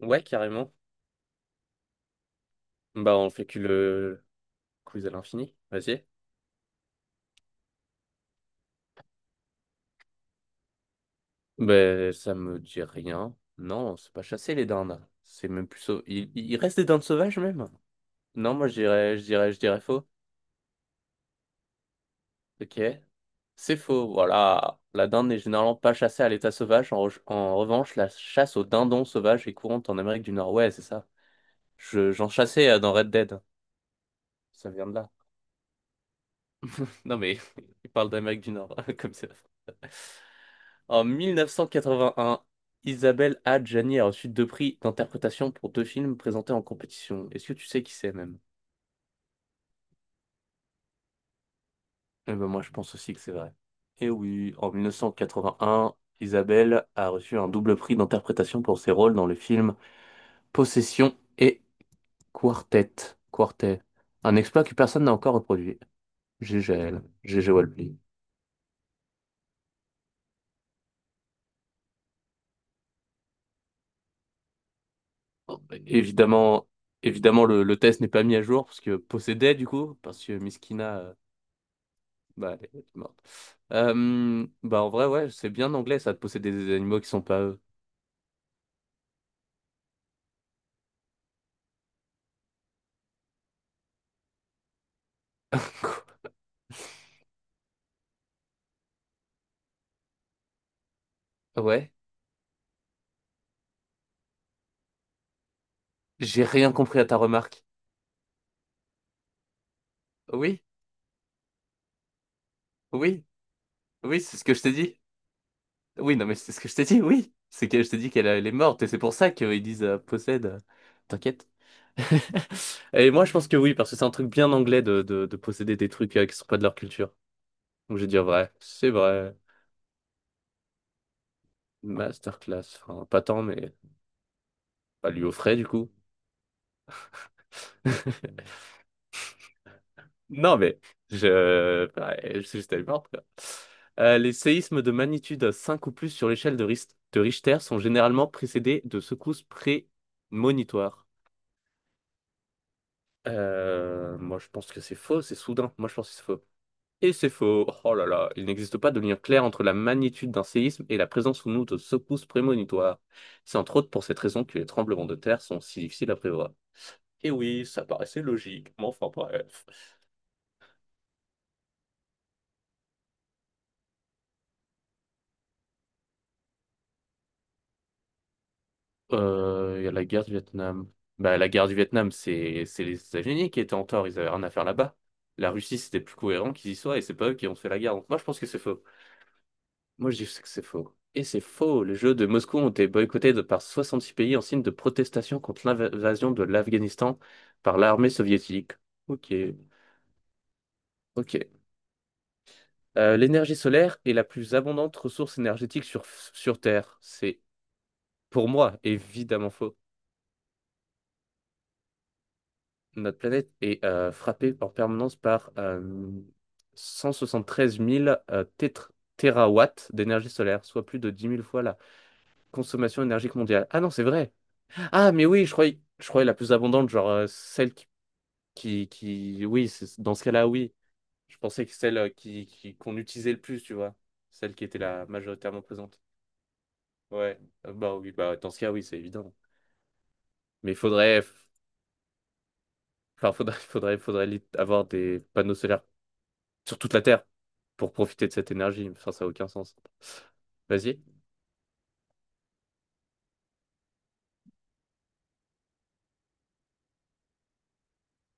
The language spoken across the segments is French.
Ouais, carrément. Bah, on fait que le quiz à l'infini. Vas-y. Bah, ça me dit rien. Non, c'est pas chasser les dindes. C'est même plus. Il reste des dindes sauvages, même. Non, moi, je dirais, je dirais, je dirais faux. Ok. C'est faux. Voilà. La dinde n'est généralement pas chassée à l'état sauvage. En revanche, la chasse aux dindons sauvages est courante en Amérique du Nord. Ouais, c'est ça. J'en chassais dans Red Dead. Ça vient de là. Non, mais il parle d'Amérique du Nord, comme ça. En 1981, Isabelle Adjani a reçu deux prix d'interprétation pour deux films présentés en compétition. Est-ce que tu sais qui c'est même? Eh ben, moi je pense aussi que c'est vrai. Et oui, en 1981, Isabelle a reçu un double prix d'interprétation pour ses rôles dans le film Possession et Quartet. Quartet. Un exploit que personne n'a encore reproduit. GG à elle. GG Walply. Évidemment, évidemment le test n'est pas mis à jour parce que possédait, du coup, parce que Miskina bah, elle est morte. Bah, en vrai, ouais, c'est bien anglais, ça, de posséder des animaux qui sont pas eux. Quoi? Ouais, j'ai rien compris à ta remarque. Oui, oui, oui, c'est ce que je t'ai dit. Oui, non, mais c'est ce que je t'ai dit, oui. C'est que je t'ai dit qu'elle elle est morte, et c'est pour ça qu'ils disent possède. T'inquiète. Et moi, je pense que oui, parce que c'est un truc bien anglais de posséder des trucs qui sont pas de leur culture. Donc, je vais dire vrai, c'est vrai. Masterclass, enfin, pas tant, mais pas lui offrait, du coup. Non, mais bah, je suis juste allé voir, quoi. Les séismes de magnitude 5 ou plus sur l'échelle de Richter sont généralement précédés de secousses prémonitoires. Moi, je pense que c'est faux, c'est soudain. Moi, je pense que c'est faux. Et c'est faux. Oh là là, il n'existe pas de lien clair entre la magnitude d'un séisme et la présence ou non de secousses prémonitoires. C'est entre autres pour cette raison que les tremblements de terre sont si difficiles à prévoir. Et oui, ça paraissait logique, mais enfin bref. Il y a la guerre du Vietnam. Bah, la guerre du Vietnam, c'est les États-Unis qui étaient en tort, ils avaient rien à faire là-bas. La Russie, c'était plus cohérent qu'ils y soient et c'est pas eux qui ont fait la guerre. Donc, moi, je pense que c'est faux. Moi, je dis que c'est faux. Et c'est faux. Les Jeux de Moscou ont été boycottés de par 66 pays en signe de protestation contre l'invasion de l'Afghanistan par l'armée soviétique. Ok, ok. L'énergie solaire est la plus abondante ressource énergétique sur Terre. C'est pour moi évidemment faux. Notre planète est frappée en permanence par 173 000 térawatts d'énergie solaire, soit plus de 10 000 fois la consommation énergique mondiale. Ah non, c'est vrai. Ah, mais oui, je croyais la plus abondante, genre celle qui, oui, dans ce cas-là, oui. Je pensais que celle qu'on utilisait le plus, tu vois. Celle qui était la majoritairement présente. Ouais, bah oui, bah dans ce cas, oui, c'est évident. Mais il faudrait... Enfin, faudrait, avoir des panneaux solaires sur toute la Terre pour profiter de cette énergie. Enfin, ça n'a aucun sens. Vas-y.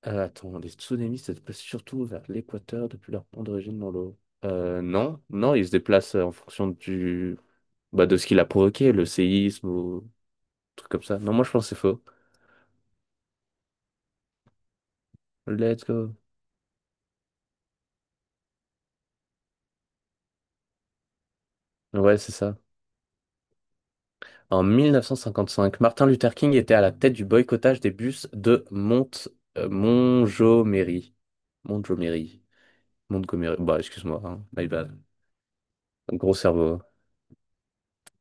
Attends, les tsunamis se déplacent surtout vers l'équateur depuis leur point d'origine dans l'eau. Non, non, ils se déplacent en fonction du... bah, de ce qu'il a provoqué, le séisme ou truc comme ça. Non, moi je pense que c'est faux. Let's go. Ouais, c'est ça. En 1955, Martin Luther King était à la tête du boycottage des bus de Montgomery. Montgomery. Montgomery. Bah, excuse-moi, hein. My bad. Gros cerveau.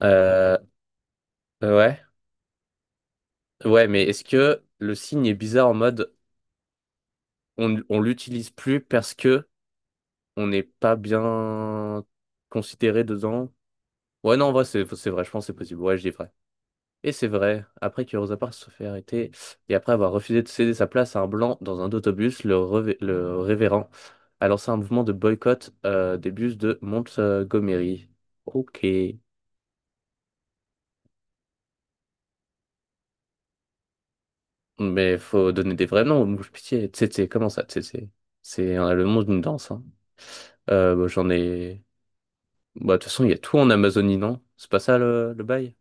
Euh, Ouais, ouais, mais est-ce que le signe est bizarre en mode on l'utilise plus parce que on n'est pas bien considéré dedans? Ouais, non, en vrai, c'est vrai, je pense que c'est possible. Ouais, je dis vrai. Et c'est vrai, après que Rosa Parks se fait arrêter et après avoir refusé de céder sa place à un blanc dans un autobus, le révérend a lancé un mouvement de boycott des bus de Montgomery. Ok. Mais faut donner des vrais noms aux mouches, pitié. Tsetse, comment ça, tsetse? C'est le nom d'une danse, hein. Bah, j'en ai. Bah, de toute façon, il y a tout en Amazonie, non? C'est pas ça le bail?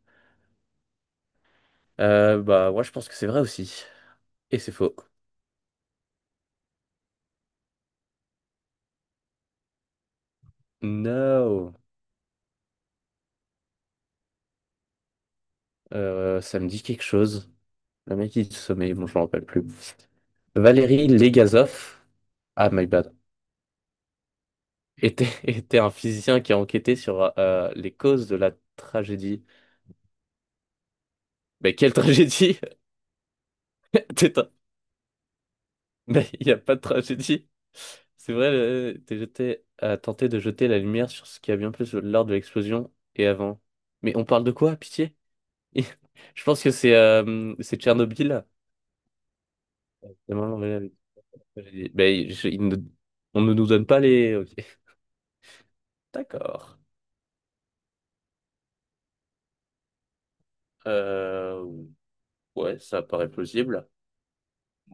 Bah, ouais, je pense que c'est vrai aussi. Et c'est faux. No! Ça me dit quelque chose. La mec qui sommeille, bon, je m'en rappelle plus. Valérie Legazov. Ah, my bad. Était, était un physicien qui a enquêté sur les causes de la tragédie. Mais quelle tragédie? Mais il n'y a pas de tragédie. C'est vrai, t'es jeté à tenter de jeter la lumière sur ce qui a bien plus lors de l'explosion et avant. Mais on parle de quoi, pitié? Je pense que c'est Tchernobyl, là. C'est vraiment vrai avec la tragédie. Ben, je- il ne- on ne nous donne pas les. Ok. D'accord. Euh, ouais, ça paraît plausible.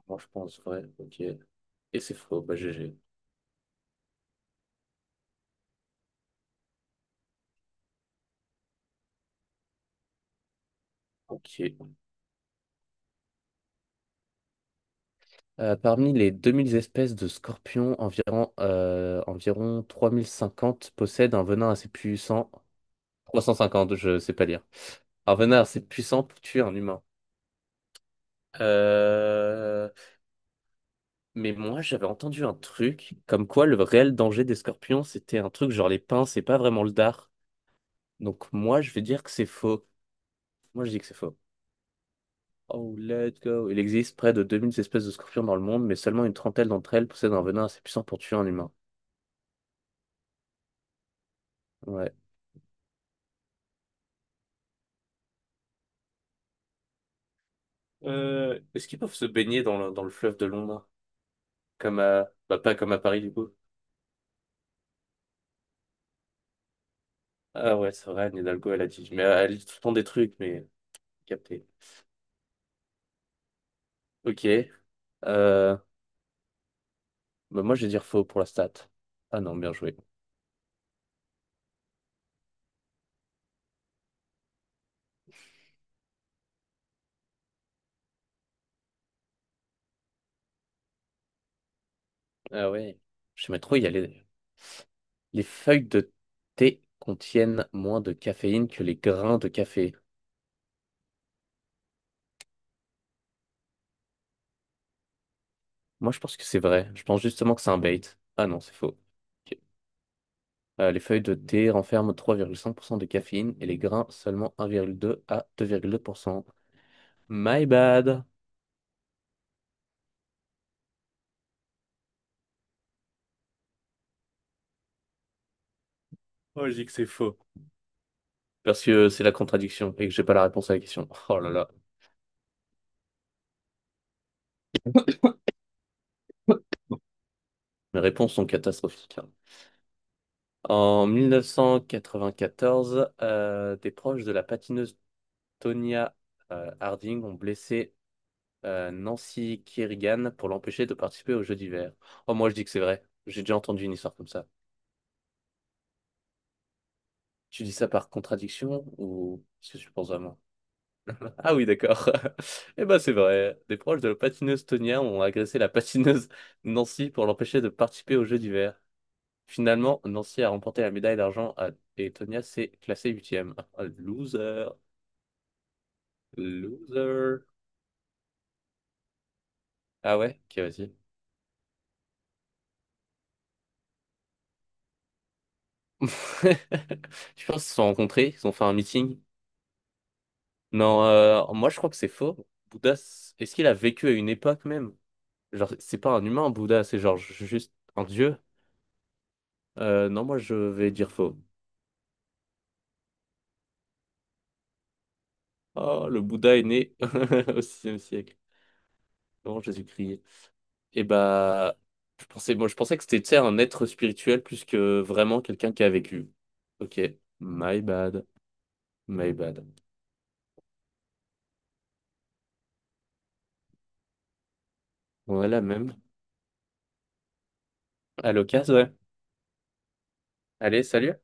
Moi, je pense, ouais. Ok. Et c'est faux. Bah, GG. Ok. Parmi les 2000 espèces de scorpions, environ 3050 possèdent un venin assez puissant. 350, je sais pas lire. Un venin assez puissant pour tuer un humain. Euh, Mais moi, j'avais entendu un truc comme quoi le réel danger des scorpions, c'était un truc genre les pinces, c'est pas vraiment le dard. Donc moi, je vais dire que c'est faux. Moi, je dis que c'est faux. Oh, let's go. Il existe près de 2000 espèces de scorpions dans le monde, mais seulement une trentaine d'entre elles possèdent un venin assez puissant pour tuer un humain. Ouais. Est-ce qu'ils peuvent se baigner dans le fleuve de Londres? Bah, pas comme à Paris, du coup. Ah ouais, c'est vrai, Anne Hidalgo, elle a dit. Mais elle dit tout le temps des trucs, mais capté. Ok. Euh, Bah, moi, je vais dire faux pour la stat. Ah non, bien joué. Ah ouais. Je sais pas trop, il y a les feuilles de thé contiennent moins de caféine que les grains de café. Moi, je pense que c'est vrai. Je pense justement que c'est un bait. Ah non, c'est faux. Ok. Les feuilles de thé renferment 3,5% de caféine et les grains seulement 1,2 à 2,2%. My bad. Oh, je dis que c'est faux. Parce que c'est la contradiction et que j'ai pas la réponse à la question. Oh là là. Mes réponses sont catastrophiques, hein. En 1994, des proches de la patineuse Tonya Harding ont blessé Nancy Kerrigan pour l'empêcher de participer aux Jeux d'hiver. Oh, moi je dis que c'est vrai. J'ai déjà entendu une histoire comme ça. Tu dis ça par contradiction ou est-ce que tu le penses vraiment? Ah oui, d'accord. Eh ben, c'est vrai. Des proches de la patineuse Tonia ont agressé la patineuse Nancy pour l'empêcher de participer aux Jeux d'hiver. Finalement, Nancy a remporté la médaille d'argent et Tonia s'est classée huitième. Ah, loser. Loser. Ah ouais? Ok, vas-y. Je pense qu'ils se sont rencontrés, ils ont fait un meeting. Non, moi je crois que c'est faux. Bouddha, est-ce qu'il a vécu à une époque même? Genre, c'est pas un humain, Bouddha, c'est genre juste un dieu. Non, moi je vais dire faux. Oh, le Bouddha est né au sixième siècle, avant Jésus-Christ. Et bah, je pensais que c'était, tu sais, un être spirituel plus que vraiment quelqu'un qui a vécu. Ok, my bad, my bad. On a la même. À l'occasion, ouais. Allez, salut.